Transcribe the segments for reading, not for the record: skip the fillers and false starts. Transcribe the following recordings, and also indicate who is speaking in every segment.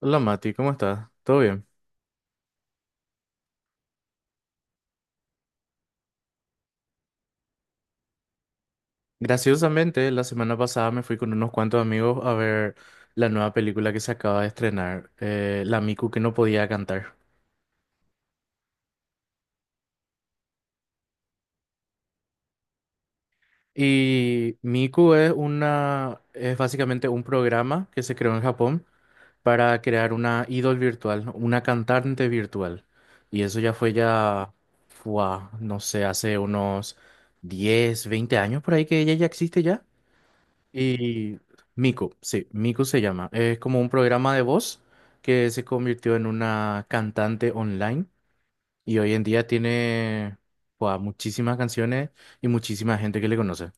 Speaker 1: Hola Mati, ¿cómo estás? ¿Todo bien? Graciosamente, la semana pasada me fui con unos cuantos amigos a ver la nueva película que se acaba de estrenar, La Miku que no podía cantar. Y Miku es una, es básicamente un programa que se creó en Japón para crear una idol virtual, una cantante virtual. Y eso ya fue ya, fuá, no sé, hace unos 10, 20 años por ahí que ella ya existe ya. Y Mico, sí, Mico se llama. Es como un programa de voz que se convirtió en una cantante online y hoy en día tiene buah, muchísimas canciones y muchísima gente que le conoce.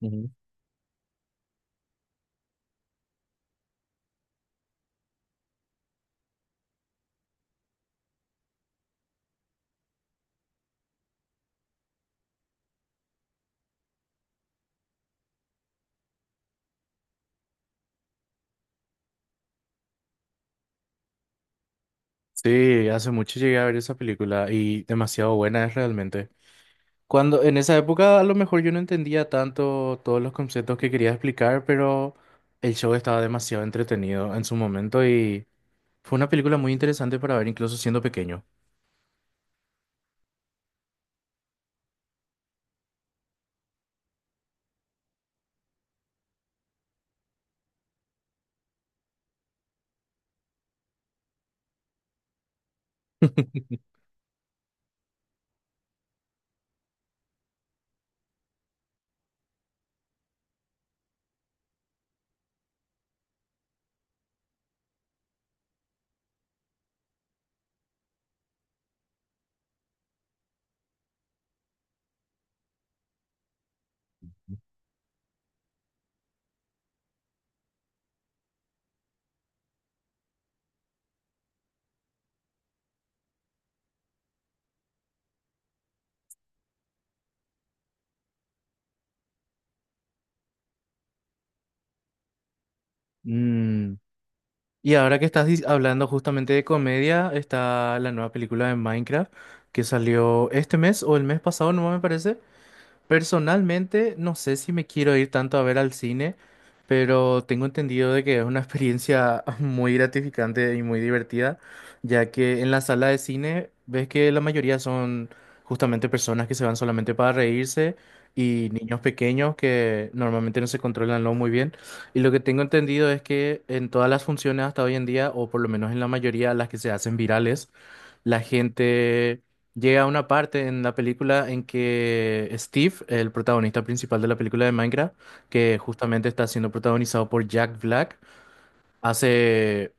Speaker 1: Ujú. Sí, hace mucho llegué a ver esa película y demasiado buena es realmente. Cuando en esa época a lo mejor yo no entendía tanto todos los conceptos que quería explicar, pero el show estaba demasiado entretenido en su momento y fue una película muy interesante para ver incluso siendo pequeño. Mm, Y ahora que hablando justamente de comedia, está la nueva película de Minecraft que salió este mes o el mes pasado, no me parece. Personalmente, no sé si me quiero ir tanto a ver al cine, pero tengo entendido de que es una experiencia muy gratificante y muy divertida, ya que en la sala de cine ves que la mayoría son justamente personas que se van solamente para reírse y niños pequeños que normalmente no se controlan lo muy bien. Y lo que tengo entendido es que en todas las funciones hasta hoy en día, o por lo menos en la mayoría, las que se hacen virales, la gente llega a una parte en la película en que Steve, el protagonista principal de la película de Minecraft, que justamente está siendo protagonizado por Jack Black, hace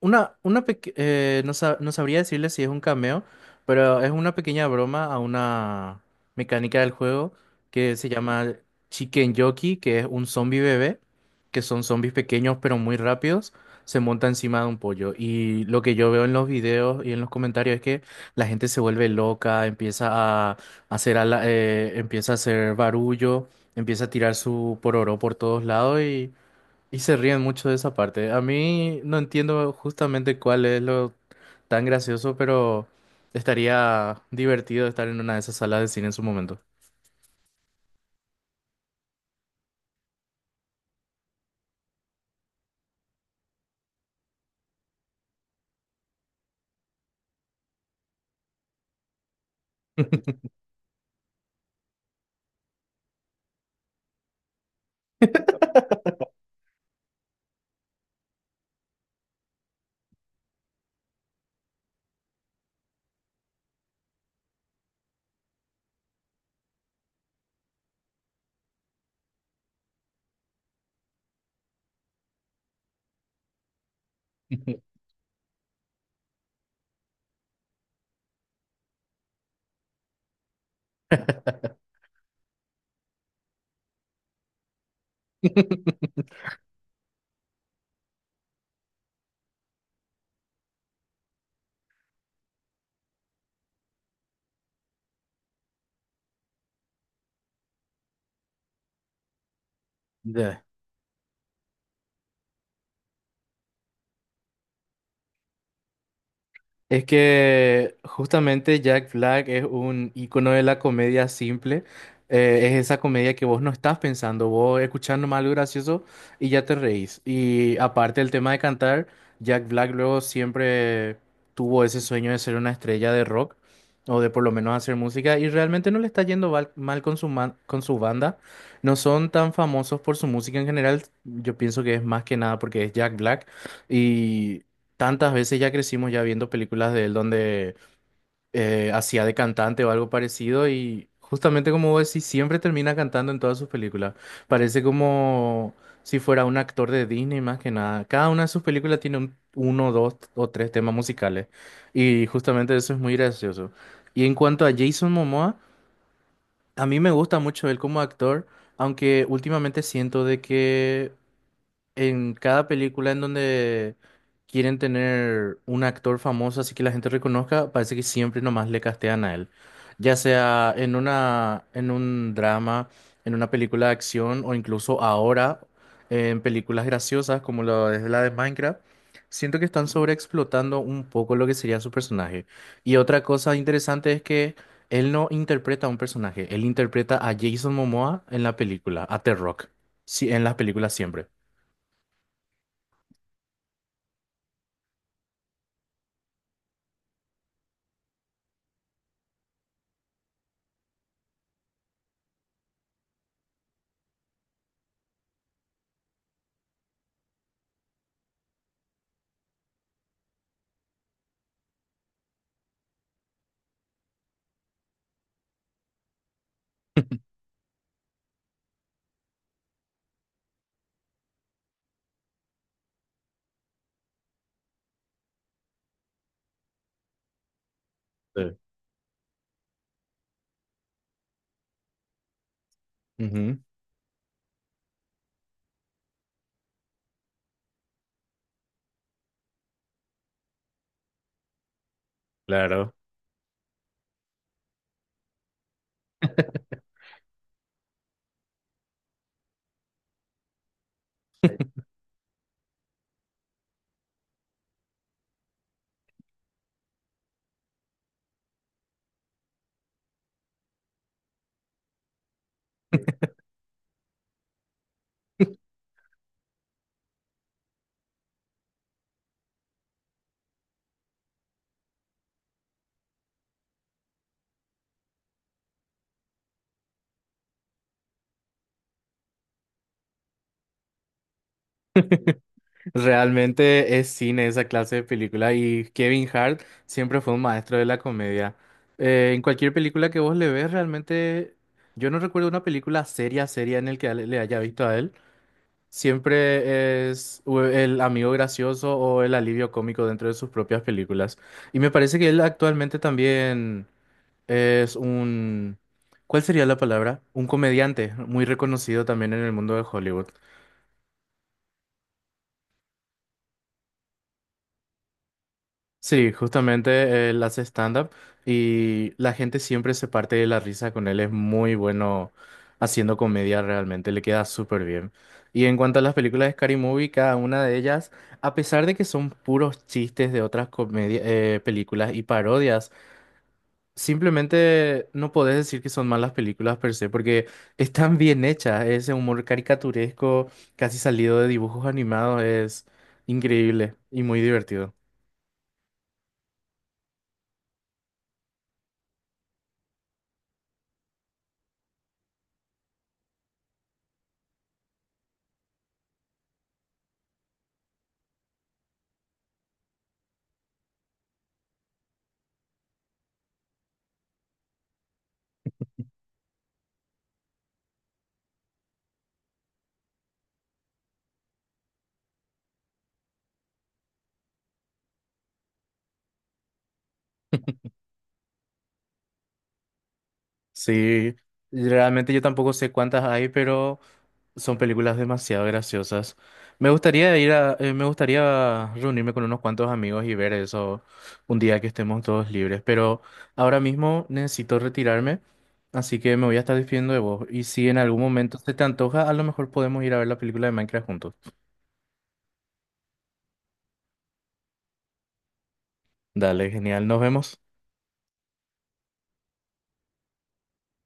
Speaker 1: una, no sabría decirle si es un cameo, pero es una pequeña broma a una mecánica del juego que se llama Chicken Jockey, que es un zombie bebé, que son zombies pequeños pero muy rápidos, se monta encima de un pollo. Y lo que yo veo en los videos y en los comentarios es que la gente se vuelve loca, empieza a empieza a hacer barullo, empieza a tirar su pororó por todos lados y se ríen mucho de esa parte. A mí no entiendo justamente cuál es lo tan gracioso, pero estaría divertido estar en una de esas salas de cine en su momento. Ya. Es que justamente Jack Black es un icono de la comedia simple. Es esa comedia que vos no estás pensando, vos escuchás nomás algo gracioso y ya te reís. Y aparte del tema de cantar, Jack Black luego siempre tuvo ese sueño de ser una estrella de rock o de por lo menos hacer música y realmente no le está mal con con su banda. No son tan famosos por su música en general. Yo pienso que es más que nada porque es Jack Black. Tantas veces ya crecimos ya viendo películas de él donde hacía de cantante o algo parecido y justamente como vos decís, siempre termina cantando en todas sus películas. Parece como si fuera un actor de Disney más que nada. Cada una de sus películas tiene un, uno, dos o tres temas musicales y justamente eso es muy gracioso. Y en cuanto a Jason Momoa, a mí me gusta mucho él como actor, aunque últimamente siento de que en cada película en donde quieren tener un actor famoso así que la gente reconozca, parece que siempre nomás le castean a él. Ya sea en una, en un drama, en una película de acción o incluso ahora en películas graciosas como lo es la de Minecraft. Siento que están sobreexplotando un poco lo que sería su personaje. Y otra cosa interesante es que él no interpreta a un personaje, él interpreta a Jason Momoa en la película, a The Rock, sí, en las películas siempre. Ujú, claro. Realmente es cine esa clase de película y Kevin Hart siempre fue un maestro de la comedia. En cualquier película que vos le ves, realmente yo no recuerdo una película seria, seria en el que le haya visto a él. Siempre es el amigo gracioso o el alivio cómico dentro de sus propias películas. Y me parece que él actualmente también es un... ¿Cuál sería la palabra? Un comediante muy reconocido también en el mundo de Hollywood. Sí, justamente él hace stand-up y la gente siempre se parte de la risa con él. Es muy bueno haciendo comedia realmente, le queda súper bien. Y en cuanto a las películas de Scary Movie, cada una de ellas, a pesar de que son puros chistes de otras películas y parodias, simplemente no podés decir que son malas películas per se, porque están bien hechas. Ese humor caricaturesco, casi salido de dibujos animados, es increíble y muy divertido. Sí, realmente yo tampoco sé cuántas hay, pero son películas demasiado graciosas. Me gustaría ir a, me gustaría reunirme con unos cuantos amigos y ver eso un día que estemos todos libres, pero ahora mismo necesito retirarme, así que me voy a estar despidiendo de vos. Y si en algún momento se te antoja, a lo mejor podemos ir a ver la película de Minecraft juntos. Dale, genial, nos vemos.